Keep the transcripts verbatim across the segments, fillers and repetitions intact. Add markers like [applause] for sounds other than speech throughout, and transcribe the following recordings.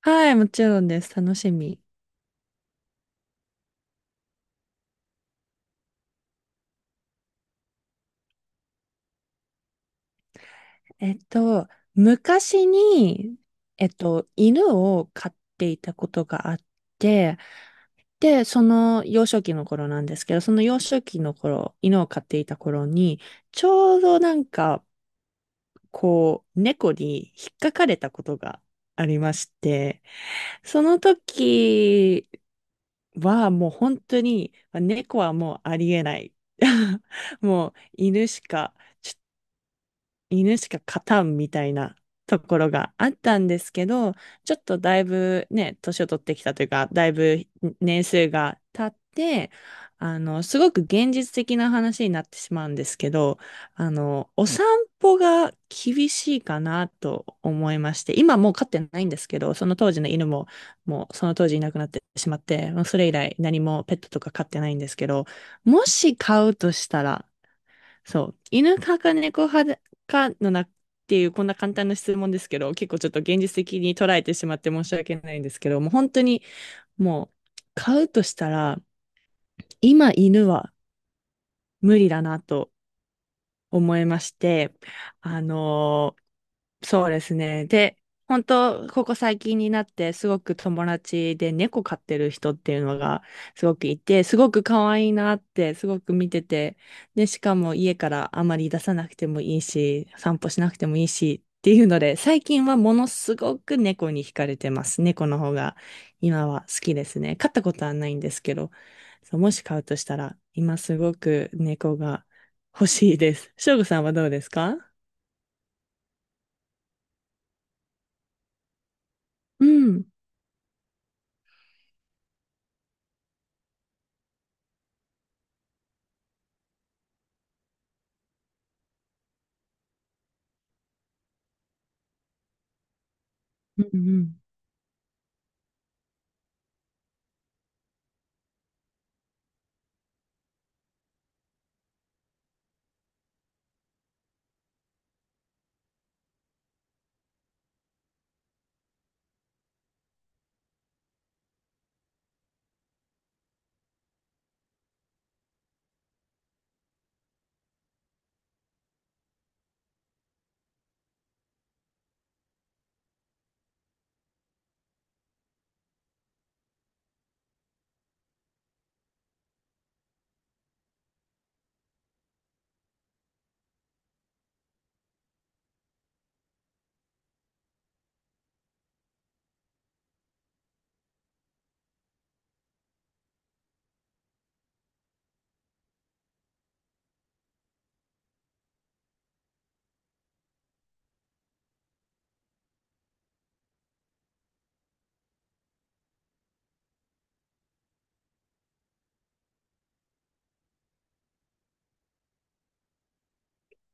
はい、もちろんです。楽しみ。えっと、昔に、えっと、犬を飼っていたことがあって、で、その幼少期の頃なんですけど、その幼少期の頃、犬を飼っていた頃に、ちょうどなんか、こう、猫に引っかかれたことがありまして、その時はもう本当に、猫はもうありえない。[laughs] もう犬しか。犬しか勝たんみたいなところがあったんですけど、ちょっとだいぶね、年を取ってきたというか、だいぶ年数が経って、あの、すごく現実的な話になってしまうんですけど、あの、お散歩が厳しいかなと思いまして、今もう飼ってないんですけど、その当時の犬も、もうその当時いなくなってしまって、もうそれ以来何もペットとか飼ってないんですけど、もし飼うとしたら、そう。犬派か猫派かのなっていう、こんな簡単な質問ですけど、結構ちょっと現実的に捉えてしまって申し訳ないんですけど、もう本当にもう買うとしたら、今犬は無理だなと思いまして、あのーそうですね。で、本当ここ最近になってすごく友達で猫飼ってる人っていうのがすごくいて、すごく可愛いなってすごく見てて、で、しかも家からあまり出さなくてもいいし、散歩しなくてもいいしっていうので、最近はものすごく猫に惹かれてます。猫の方が今は好きですね。飼ったことはないんですけど、そうもし飼うとしたら、今すごく猫が欲しいです。しょうごさんはどうですか？うん。うんうん。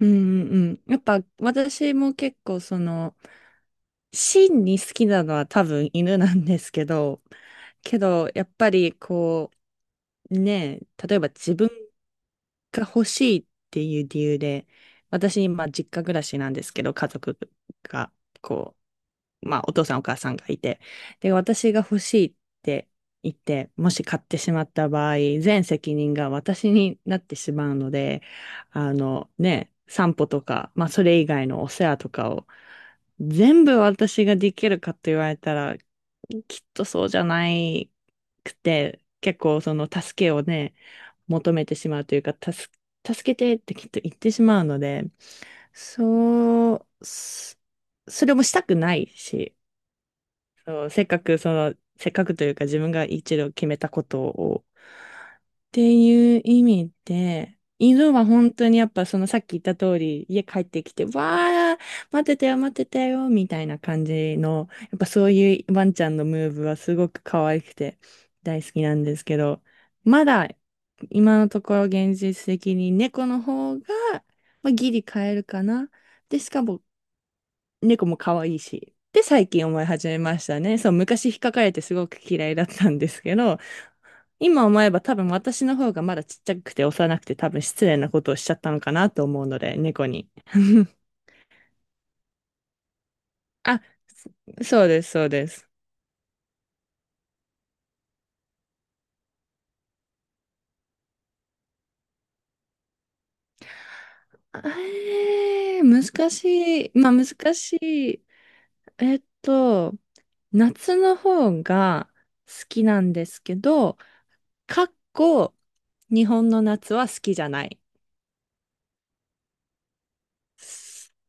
うんうんうん。やっぱ私も結構その、真に好きなのは多分犬なんですけど、けどやっぱりこう、ねえ、例えば自分が欲しいっていう理由で、私今実家暮らしなんですけど、家族が、こう、まあお父さんお母さんがいて、で、私が欲しいって言って、もし買ってしまった場合、全責任が私になってしまうので、あのね、散歩とか、まあそれ以外のお世話とかを全部私ができるかと言われたら、きっとそうじゃないくて、結構その助けをね、求めてしまうというか、助助けてってきっと言ってしまうので、そう、そそれもしたくないし、そう、せっかくその、せっかくというか自分が一度決めたことをっていう意味で、犬は本当にやっぱそのさっき言った通り、家帰ってきて、わー、待ってたよ、待ってたよ、みたいな感じの、やっぱそういうワンちゃんのムーブはすごく可愛くて大好きなんですけど、まだ今のところ現実的に猫の方が、まあ、ギリ飼えるかな。で、しかも猫も可愛いし。で、最近思い始めましたね。そう、昔引っかかれてすごく嫌いだったんですけど、今思えば多分私の方がまだちっちゃくて幼くて多分失礼なことをしちゃったのかなと思うので、猫に。[laughs] あ、そそうです、そうです。あえー、難しい。まあ難しい。えっと、夏の方が好きなんですけど、かっこ日本の夏は好きじゃない。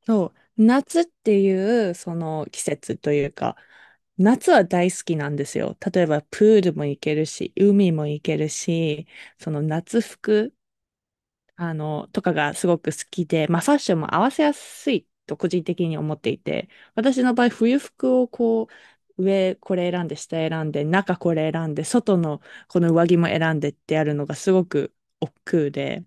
そう、夏っていうその季節というか、夏は大好きなんですよ。例えばプールも行けるし、海も行けるし、その夏服、あの、とかがすごく好きで、まあファッションも合わせやすいと個人的に思っていて、私の場合冬服をこう、上これ選んで、下選んで、中これ選んで、外のこの上着も選んでってやるのがすごく億劫で、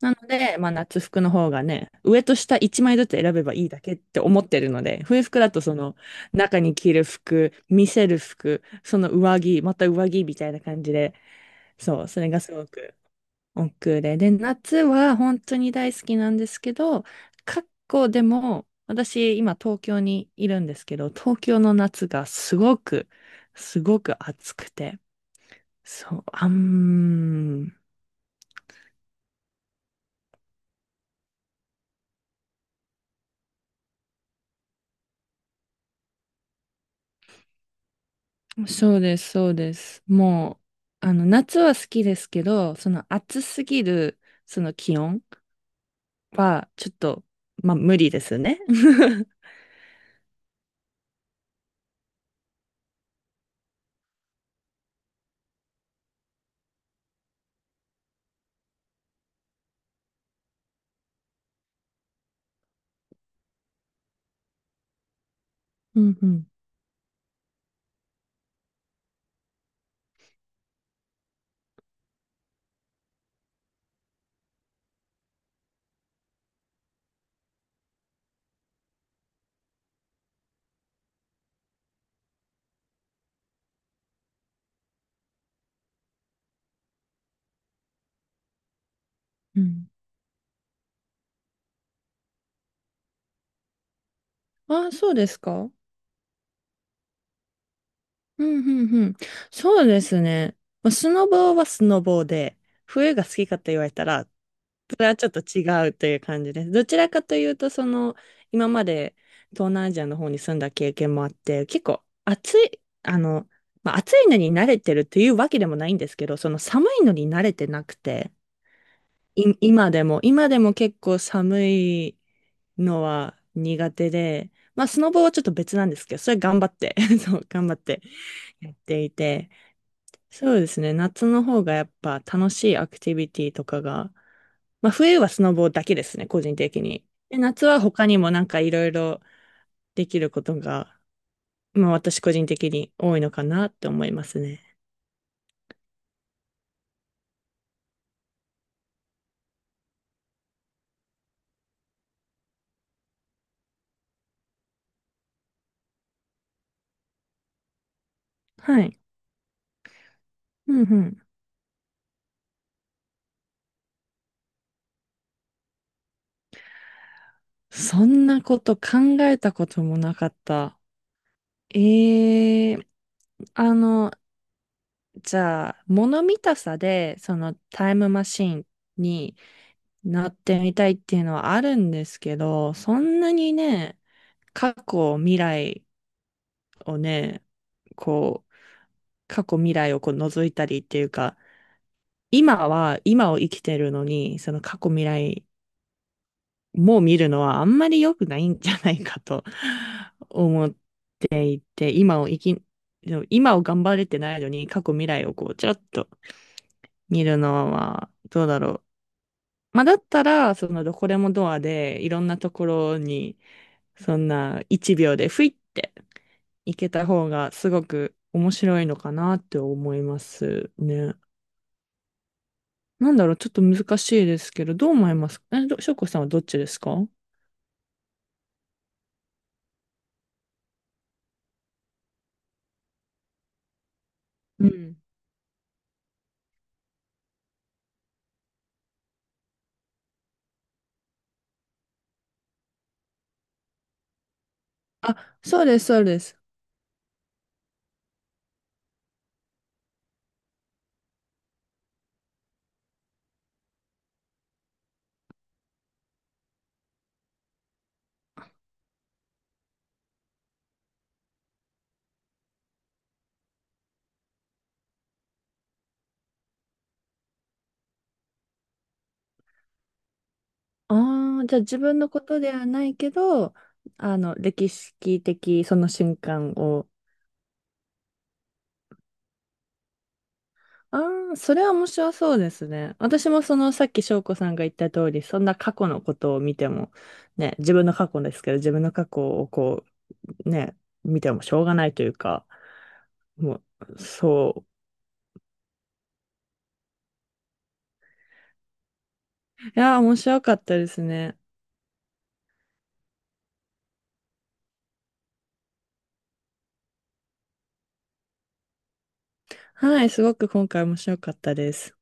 なので、まあ、夏服の方がね、上と下いちまいずつ選べばいいだけって思ってるので、冬服だとその中に着る服、見せる服、その上着、また上着みたいな感じで、そう、それがすごく億劫で。で、夏は本当に大好きなんですけど、過去でも、私今東京にいるんですけど、東京の夏がすごく、すごく暑くて、そう、あん、そうです、そうです。もう、あの、夏は好きですけど、その暑すぎる、その気温は、ちょっと、まあ、無理ですね。[laughs] うんうんうん。ああ、そうですか。うんうんうん。そうですね。まあスノボはスノボで、冬が好きかと言われたら、それはちょっと違うという感じです。どちらかというと、その、今まで東南アジアの方に住んだ経験もあって、結構暑い、あの、まあ、暑いのに慣れてるというわけでもないんですけど、その寒いのに慣れてなくて、い、今でも、今でも結構寒いのは苦手で、まあ、スノボはちょっと別なんですけど、それ頑張って、[laughs] そう、頑張ってやっていて、そうですね。夏の方がやっぱ楽しいアクティビティとかが、まあ冬はスノボだけですね、個人的に。で、夏は他にもなんかいろいろできることが、まあ私個人的に多いのかなって思いますね。はい。うんうん。そんなこと考えたこともなかった。ええあの、じゃあ、物見たさで、そのタイムマシンになってみたいっていうのはあるんですけど、そんなにね、過去、未来をね、こう、過去、未来をこう覗いたりっていうか、今は、今を生きてるのに、その過去、未来も見るのはあんまり良くないんじゃないかと [laughs] 思って、今を生き、今を頑張れてないのに、過去、未来をこう、ちょっと見るのは、どうだろう。まあ、だったら、そのどこでもドアで、いろんなところに、そんないちびょうで、ふいって、行けた方がすごく面白いのかなって思いますね。なんだろう、ちょっと難しいですけど、どう思いますか？え、どしょうこさんはどっちですか？うん。あ、そうです、そうです。ああ、じゃあ自分のことではないけど、あの、歴史的その瞬間をああ、それは面白そうですね。私もそのさっき翔子さんが言った通り、そんな過去のことを見ても、ね、自分の過去ですけど、自分の過去をこう、ね、見てもしょうがないというか、もう、そう。いやー、面白かったですね。はい、すごく今回面白かったです。